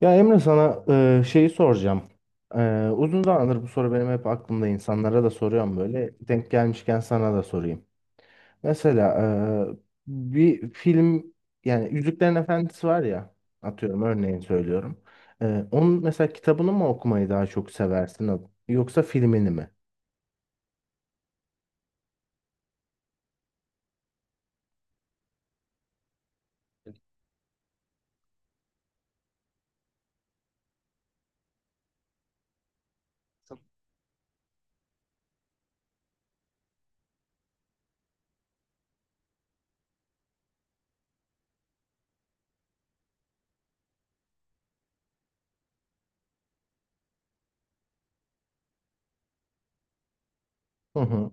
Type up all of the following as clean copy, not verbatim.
Ya Emre sana şeyi soracağım. Uzun zamandır bu soru benim hep aklımda, insanlara da soruyorum böyle. Denk gelmişken sana da sorayım. Mesela bir film, yani Yüzüklerin Efendisi var ya, atıyorum örneğin söylüyorum. Onun mesela kitabını mı okumayı daha çok seversin yoksa filmini mi? Yani. Hı hı.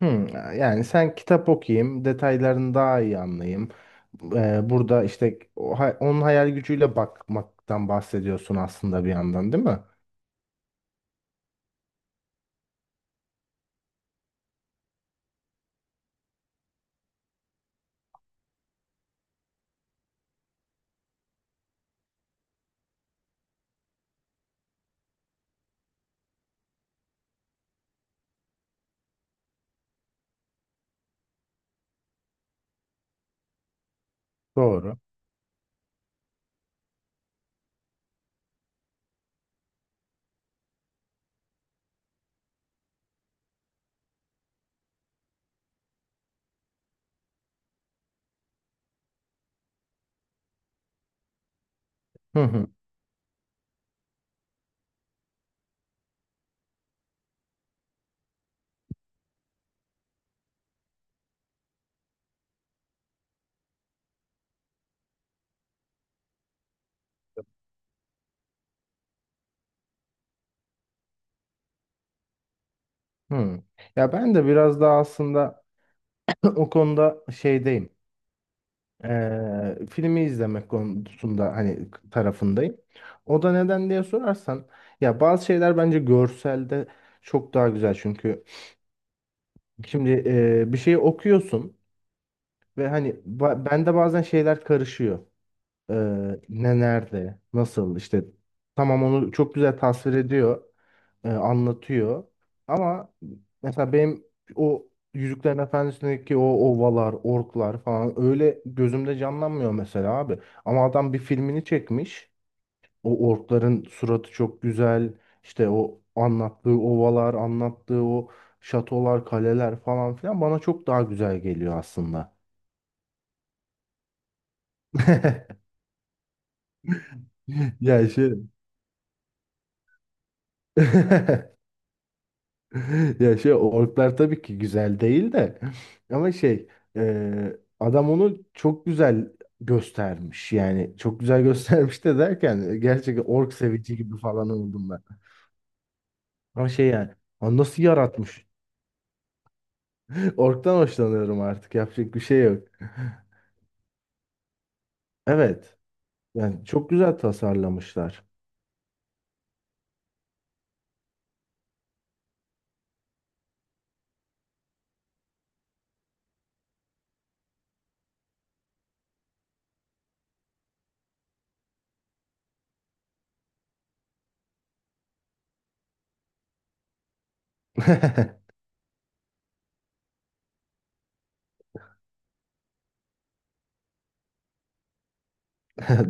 Hmm, yani sen kitap okuyayım, detaylarını daha iyi anlayayım. Burada işte onun hayal gücüyle bakmaktan bahsediyorsun aslında bir yandan, değil mi? Doğru. Hı hı. Hı. Ya ben de biraz daha aslında o konuda şeydeyim. Filmi izlemek konusunda hani tarafındayım. O da neden diye sorarsan, ya bazı şeyler bence görselde çok daha güzel. Çünkü şimdi bir şeyi okuyorsun. Ve hani bende bazen şeyler karışıyor. Ee, Ne nerede, nasıl, işte tamam, onu çok güzel tasvir ediyor, anlatıyor. Ama mesela benim o Yüzüklerin Efendisi'ndeki o ovalar, orklar falan öyle gözümde canlanmıyor mesela abi. Ama adam bir filmini çekmiş. O orkların suratı çok güzel. İşte o anlattığı ovalar, anlattığı o şatolar, kaleler falan filan bana çok daha güzel geliyor aslında. Ya şey. Ya şey, orklar tabii ki güzel değil de, ama şey, adam onu çok güzel göstermiş, yani çok güzel göstermiş de, derken gerçekten ork sevici gibi falan oldum ben. Ama şey, yani, "Aa, nasıl yaratmış?" Orktan hoşlanıyorum, artık yapacak bir şey yok. Evet, yani çok güzel tasarlamışlar.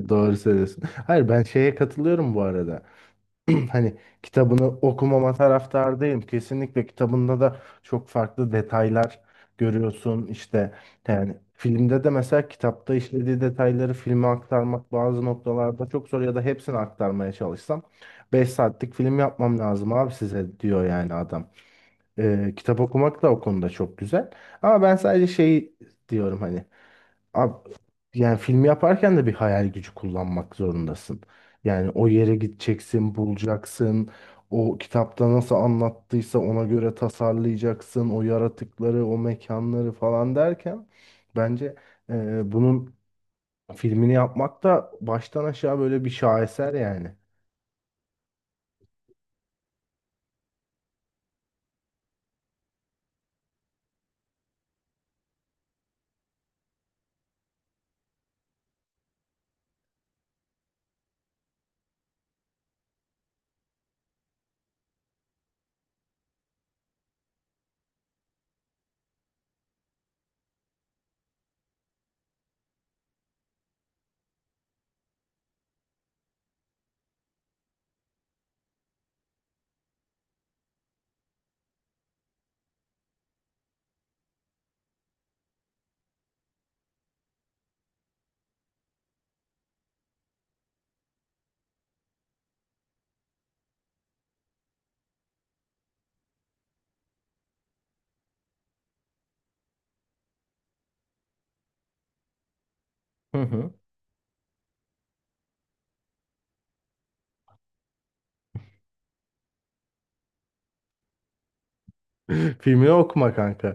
Doğru söylüyorsun. Hayır, ben şeye katılıyorum bu arada. Hani kitabını okumama taraftardayım. Kesinlikle kitabında da çok farklı detaylar görüyorsun. İşte, yani filmde de mesela kitapta işlediği detayları filme aktarmak bazı noktalarda çok zor, ya da hepsini aktarmaya çalışsam 5 saatlik film yapmam lazım abi, size diyor yani adam. Kitap okumak da o konuda çok güzel. Ama ben sadece şey diyorum hani, Ab yani film yaparken de bir hayal gücü kullanmak zorundasın. Yani o yere gideceksin, bulacaksın. O kitapta nasıl anlattıysa ona göre tasarlayacaksın. O yaratıkları, o mekanları falan derken bence bunun filmini yapmak da baştan aşağı böyle bir şaheser yani. Hı hı. Filmini okuma kanka.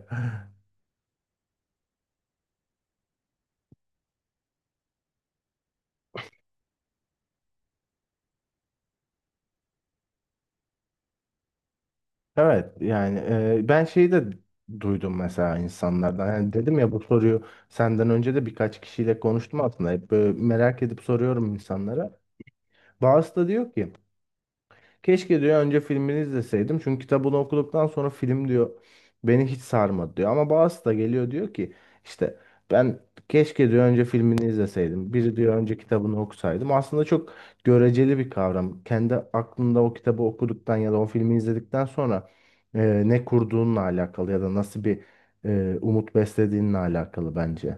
Evet, yani ben şeyi de duydum mesela insanlardan. Yani dedim ya, bu soruyu senden önce de birkaç kişiyle konuştum aslında. Hep böyle merak edip soruyorum insanlara. Bazısı da diyor ki keşke diyor önce filmini izleseydim. Çünkü kitabını okuduktan sonra film diyor beni hiç sarmadı diyor. Ama bazısı da geliyor diyor ki işte ben keşke diyor önce filmini izleseydim. Biri diyor önce kitabını okusaydım. Aslında çok göreceli bir kavram. Kendi aklında o kitabı okuduktan ya da o filmi izledikten sonra ne kurduğunla alakalı, ya da nasıl bir umut beslediğinle alakalı bence.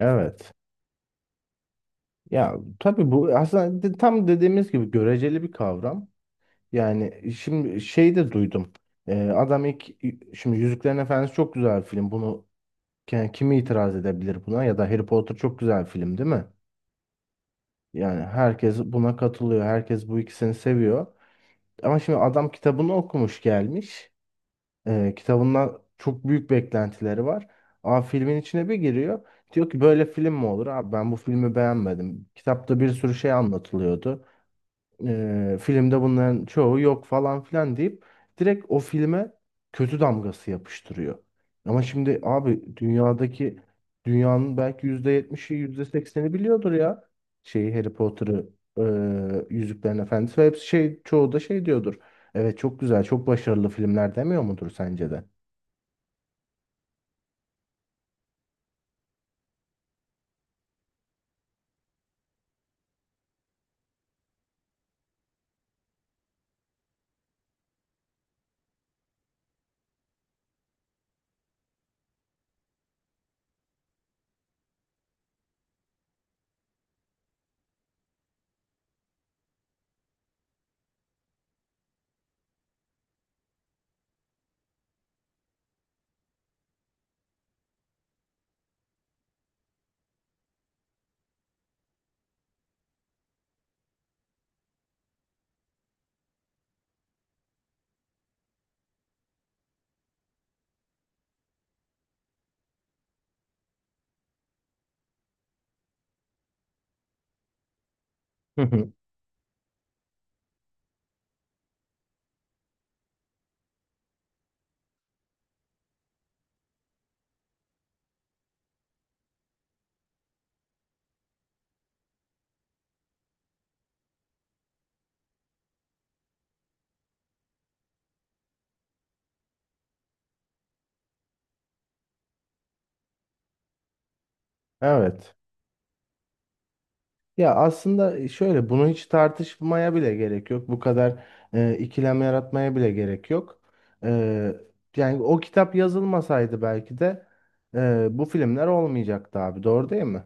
Evet. Ya tabii bu aslında tam dediğimiz gibi göreceli bir kavram. Yani şimdi şey de duydum. Adam ilk, şimdi Yüzüklerin Efendisi çok güzel bir film. Bunu, yani kimi itiraz edebilir buna? Ya da Harry Potter çok güzel bir film değil mi? Yani herkes buna katılıyor. Herkes bu ikisini seviyor. Ama şimdi adam kitabını okumuş gelmiş. Kitabından çok büyük beklentileri var. Ama filmin içine bir giriyor. Diyor ki böyle film mi olur? Abi, ben bu filmi beğenmedim. Kitapta bir sürü şey anlatılıyordu. Filmde bunların çoğu yok falan filan deyip direkt o filme kötü damgası yapıştırıyor. Ama şimdi abi dünyadaki, dünyanın belki %70'i, yüzde sekseni biliyordur ya şeyi, Harry Potter'ı, Yüzüklerin Efendisi, ve hepsi şey, çoğu da şey diyordur. Evet, çok güzel, çok başarılı filmler demiyor mudur sence de? Hı hı. Evet. Ya aslında şöyle, bunu hiç tartışmaya bile gerek yok. Bu kadar ikilem yaratmaya bile gerek yok. E, Yani o kitap yazılmasaydı belki de bu filmler olmayacaktı abi. Doğru değil mi?